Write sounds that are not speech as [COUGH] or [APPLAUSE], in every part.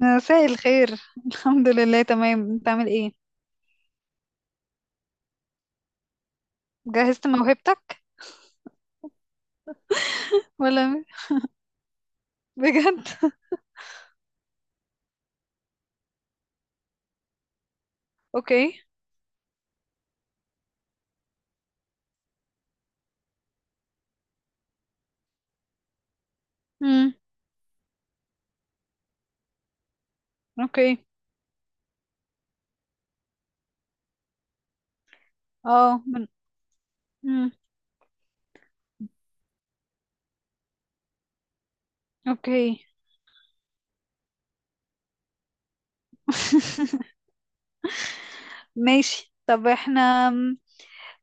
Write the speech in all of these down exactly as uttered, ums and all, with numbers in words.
مساء الخير. [LAUGHS] الحمد لله، تمام. انت عامل ايه؟ جهزت موهبتك؟ ولا؟ بجد؟ اوكي. امم. اوكي. اه من امم اوكي. [LAUGHS] ماشي. طب احنا م-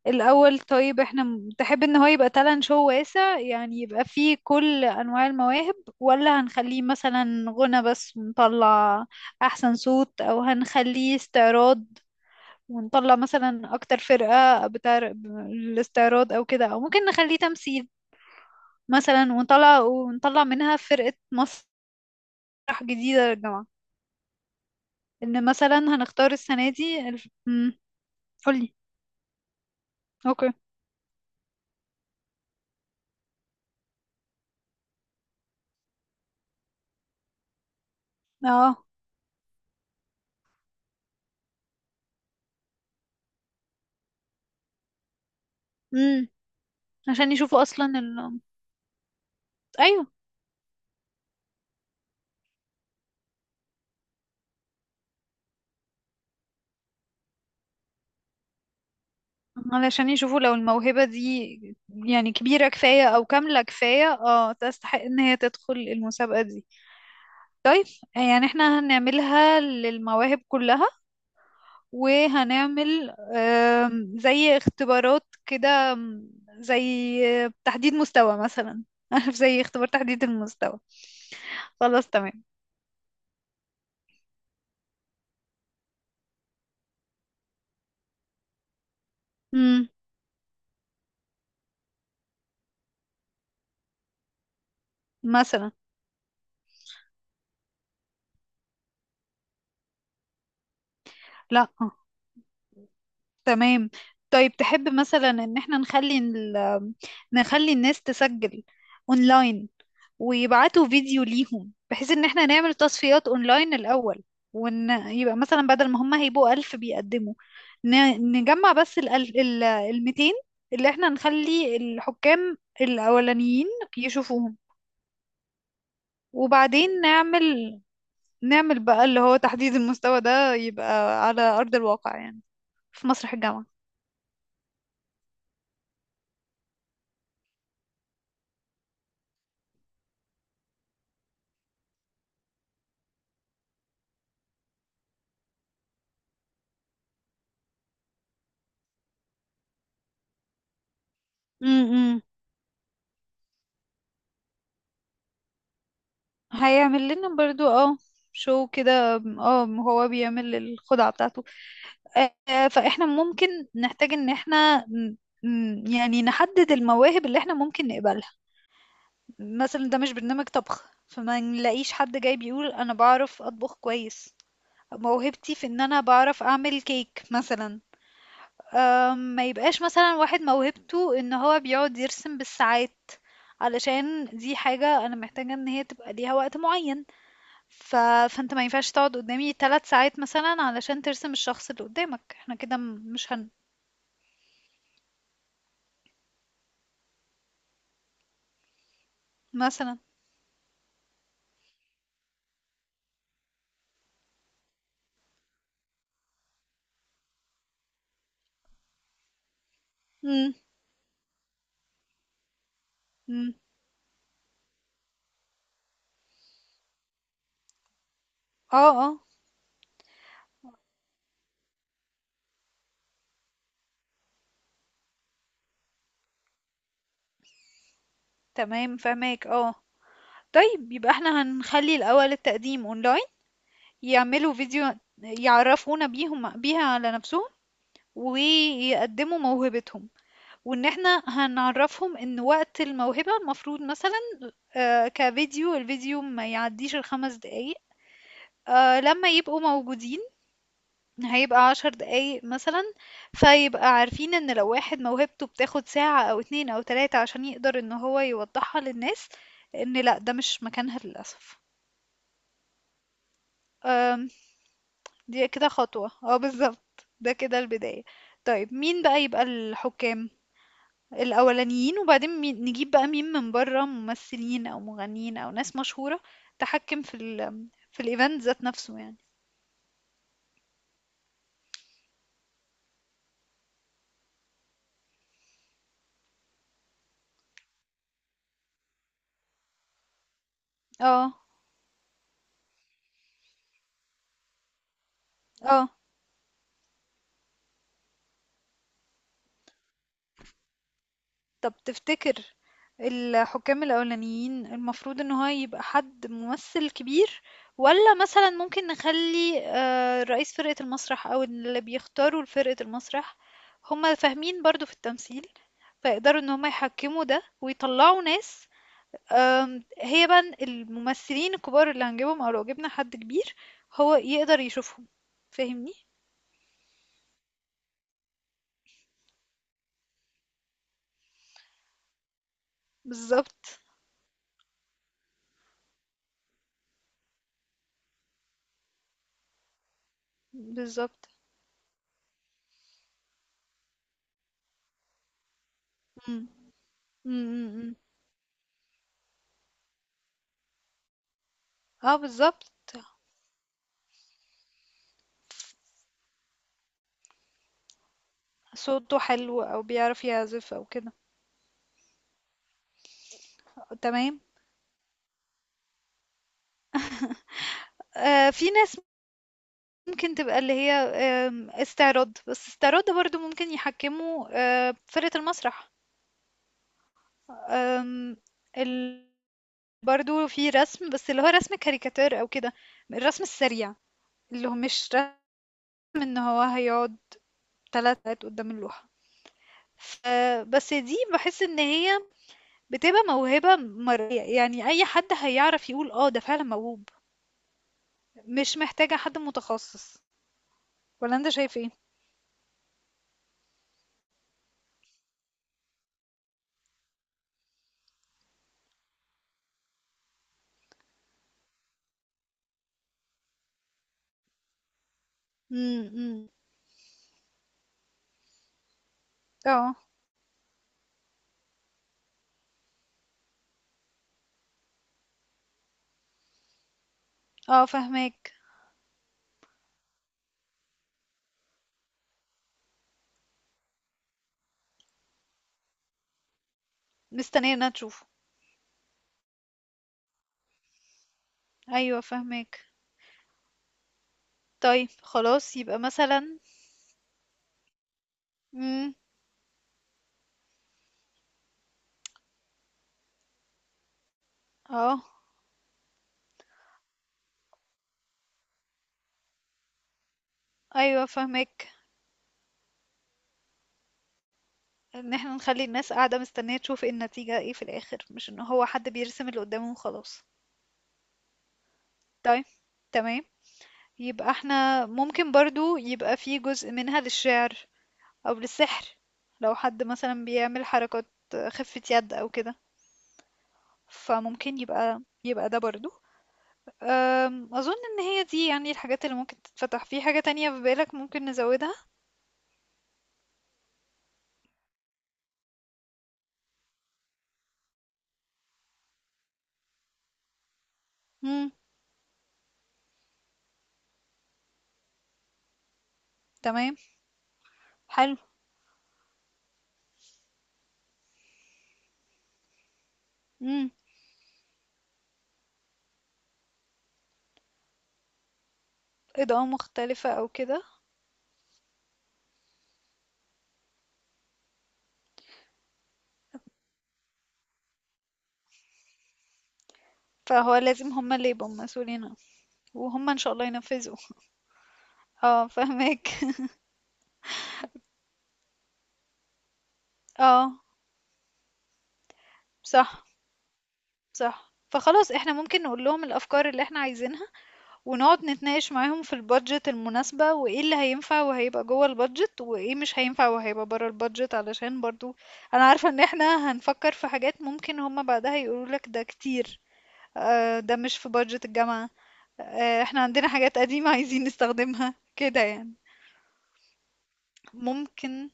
الاول. طيب احنا م- تحب ان هو يبقى تالنت شو واسع؟ يعني يبقى فيه كل انواع المواهب، ولا هنخليه مثلا غنى بس نطلع احسن صوت، او هنخليه استعراض ونطلع مثلا اكتر فرقة بتاع الاستعراض او كده، او ممكن نخليه تمثيل مثلا ونطلع ونطلع منها فرقة مسرح جديدة للجامعة. ان مثلا هنختار السنة دي الف... مم. قولي. اوكي. اه. امم. عشان يشوفوا اصلا ال... ايوه. علشان يشوفوا لو الموهبة دي يعني كبيرة كفاية او كاملة كفاية، اه تستحق ان هي تدخل المسابقة دي. يعني احنا هنعملها للمواهب كلها، وهنعمل آم، زي اختبارات كده، آم، زي آه، تحديد مستوى مثلا. [LAUGHS] عارف، زي اختبار تحديد المستوى. خلاص، تمام. مم. مثلا. لا. آه، تمام. طيب تحب مثلا ان احنا نخلي ال... نخلي الناس تسجل اونلاين ويبعتوا فيديو ليهم، بحيث ان احنا نعمل تصفيات اونلاين الاول، وان يبقى مثلا بدل ما هم هيبقوا ألف بيقدموا، ن- نجمع بس ال ال الميتين اللي احنا نخلي الحكام الأولانيين يشوفوهم. وبعدين نعمل نعمل بقى اللي هو تحديد المستوى ده، يبقى على أرض الواقع يعني في مسرح الجامعة. امم. هيعمل لنا برضو، اه شو كده، اه هو بيعمل الخدعة بتاعته. آه، فاحنا ممكن نحتاج ان احنا ن- ن- يعني نحدد المواهب اللي احنا ممكن نقبلها. مثلا ده مش برنامج طبخ، فما نلاقيش حد جاي بيقول انا بعرف اطبخ كويس، موهبتي في ان انا بعرف اعمل كيك مثلا. ما يبقاش مثلا واحد موهبته ان هو بيقعد يرسم بالساعات، علشان دي حاجة انا محتاجة ان هي تبقى ليها وقت معين. ف... فانت ما ينفعش تقعد قدامي ثلاث ساعات مثلا علشان ترسم الشخص اللي قدامك، احنا كده م- مش هن مثلا. إمم، إمم. آه، آه، تمام فاهماك. آه. طيب يبقى إحنا هنخلّي الأول التقديم أونلاين، يعملوا فيديو يعرّفونا بيهم بيها على نَفْسهم، ويقدّموا موهبتهم، وإن إحنا هنعرّفهم إن وقت الموهبة المفروض مثلًا، آآ كفيديو، الفيديو ما يعدّيش الخمس دقايق، آآ لمّا يبقوا موجودين هيبقى عشر دقايق مثلا، فيبقى عارفين ان لو واحد موهبته بتاخد ساعة او اتنين او تلاتة عشان يقدر ان هو يوضحها للناس، ان لا ده مش مكانها للأسف. أم، دي كده خطوة. اه بالظبط، ده كده البداية. طيب مين بقى يبقى الحكام الأولانيين؟ وبعدين مين- نجيب بقى مين من بره؟ ممثلين او مغنيين او ناس مشهورة تحكم في ال في الايفنت ذات نفسه يعني. اه. اه. طب تفتكر الحكام الأولانيين المفروض إن هو يبقى حد ممثل كبير، ولا مثلا ممكن نخلي آه، رئيس فرقة المسرح أو اللي بيختاروا فرقة المسرح، هما فاهمين برضو في التمثيل، فيقدروا إن هما يحكموا ده ويطلعوا ناس. آم، هي بقى الممثلين الكبار اللي هنجيبهم، أو لو جبنا حد كبير هو يقدر يشوفهم. فاهمني؟ بالظبط. بالظبط. مم. مم، مم، مم. اه بالظبط. صوته حلو او بيعرف يعزف او كده. تمام. آه في ناس ممكن تبقى اللي هي آم، استعراض، بس استعراض ده برضو ممكن يحكموا آه فرقة المسرح. آم، ال... برضو في رسم، بس اللي هو رسم كاريكاتير او كده، الرسم السريع، اللي هو مش رسم ان هو هيقعد ثلاث ساعات قدام اللوحة. ف- بس دي بحس ان هي بتبقى موهبة مرئية يعني، اي حد هيعرف يقول اه ده فعلا موهوب. مش محتاجة حد متخصص. ولا انت شايف ايه؟ امم، امم. اه، اه فهماك. مستنيه ان تشوفه. ايوه فهماك. طيب خلاص، يبقى مثلا، امم، اه، ايوه فهماك، ان احنا نخلي الناس قاعده مستنيه تشوف ايه النتيجه، ايه في الاخر، مش ان هو حد بيرسم اللي قدامه وخلاص. طيب، تمام. يبقى احنا ممكن برضو يبقى في جزء منها للشعر، او للسحر، لو حد مثلا بيعمل حركات خفة يد او كده، فممكن يبقى يبقى ده برضو. أم، أظن إن هي دي يعني الحاجات اللي ممكن تتفتح. في حاجة تانية في بالك ممكن نزودها؟ مم. تمام. حلو. مم. إضاءة مختلفة أو كده. فهو لازم هما اللي يبقوا مسؤولين عنه. وهما إن شاء الله ينفذوا. اه فهمك. [LAUGHS] اه. صح. صح، فخلاص احنا ممكن نقول لهم الأفكار اللي احنا عايزينها، ونقعد نتناقش معاهم في البادجت المناسبة، وايه اللي هينفع وهيبقى جوه البادجت، وايه مش هينفع وهيبقى بره البادجت، علشان برضو انا عارفة ان احنا هنفكر في حاجات ممكن هما بعدها يقولوا لك ده كتير. آه، ده مش في بادجت الجامعة. آه، احنا عندنا حاجات قديمة عايزين نستخدمها كده يعني. ممكن.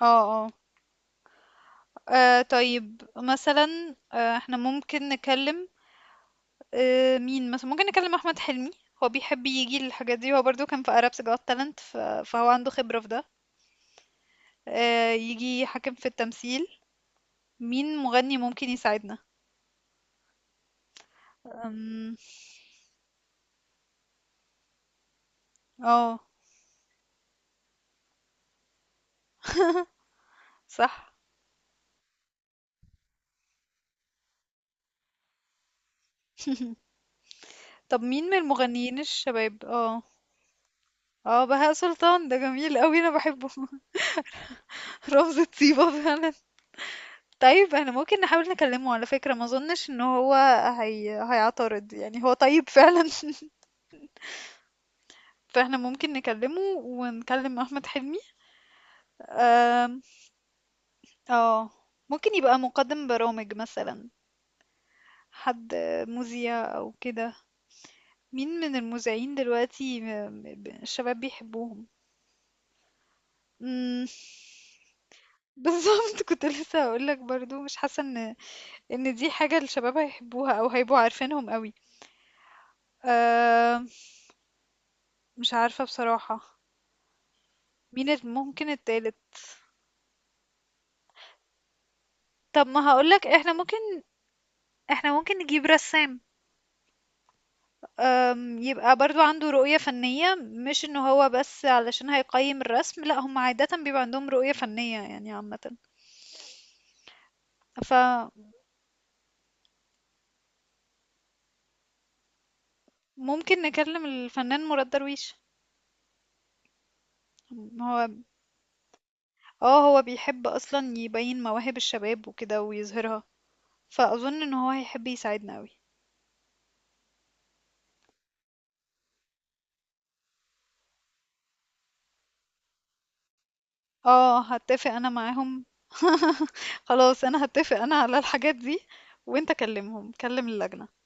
اه. اه. آه، طيب مثلا، آه، احنا ممكن نكلم، آه، مين مثلا؟ ممكن نكلم احمد حلمي، هو بيحب يجي للحاجات دي، هو برضو كان في Arabs Got Talent، ف- فهو عنده خبرة في ده. آه، يجي يحكم في التمثيل. مين مغني ممكن يساعدنا؟ أم، اه صح. طب مين من المغنيين الشباب؟ اه. اه بهاء سلطان، ده جميل قوي، انا بحبه. [LAUGHS] رمز طيبة فعلا. طيب احنا ممكن نحاول نكلمه، على فكرة ما اظنش ان هو هي... هيعترض، يعني هو طيب فعلا. [LAUGHS] فاحنا ممكن نكلمه ونكلم احمد حلمي. آم، اه، ممكن يبقى مقدم برامج مثلا. حد مذيع او كده. مين من المذيعين دلوقتي م- م- ب- الشباب بيحبوهم؟ امم. [LAUGHS] بالظبط، كنت لسه هقول لك برضو، مش حاسه ان ان دي حاجه الشباب هيحبوها او هيبقوا عارفينهم قوي. أه. مش عارفه بصراحه. مين الت- ممكن التالت؟ طب ما هقول لك، احنا ممكن احنا ممكن نجيب رسام. أم، يبقى برضو عنده رؤية فنية، مش انه هو بس علشان هيقيم الرسم، لا هم عادة بيبقى عندهم رؤية فنية يعني عامة. فممكن نكلم الفنان مراد درويش. هو، اه هو بيحب اصلا يبين مواهب الشباب وكده ويظهرها، فاظن ان هو هيحب يساعدنا قوي. اه هتفق انا معاهم. [LAUGHS] خلاص، انا هتفق انا على الحاجات دي، وانت كلمهم، كلم اللجنة.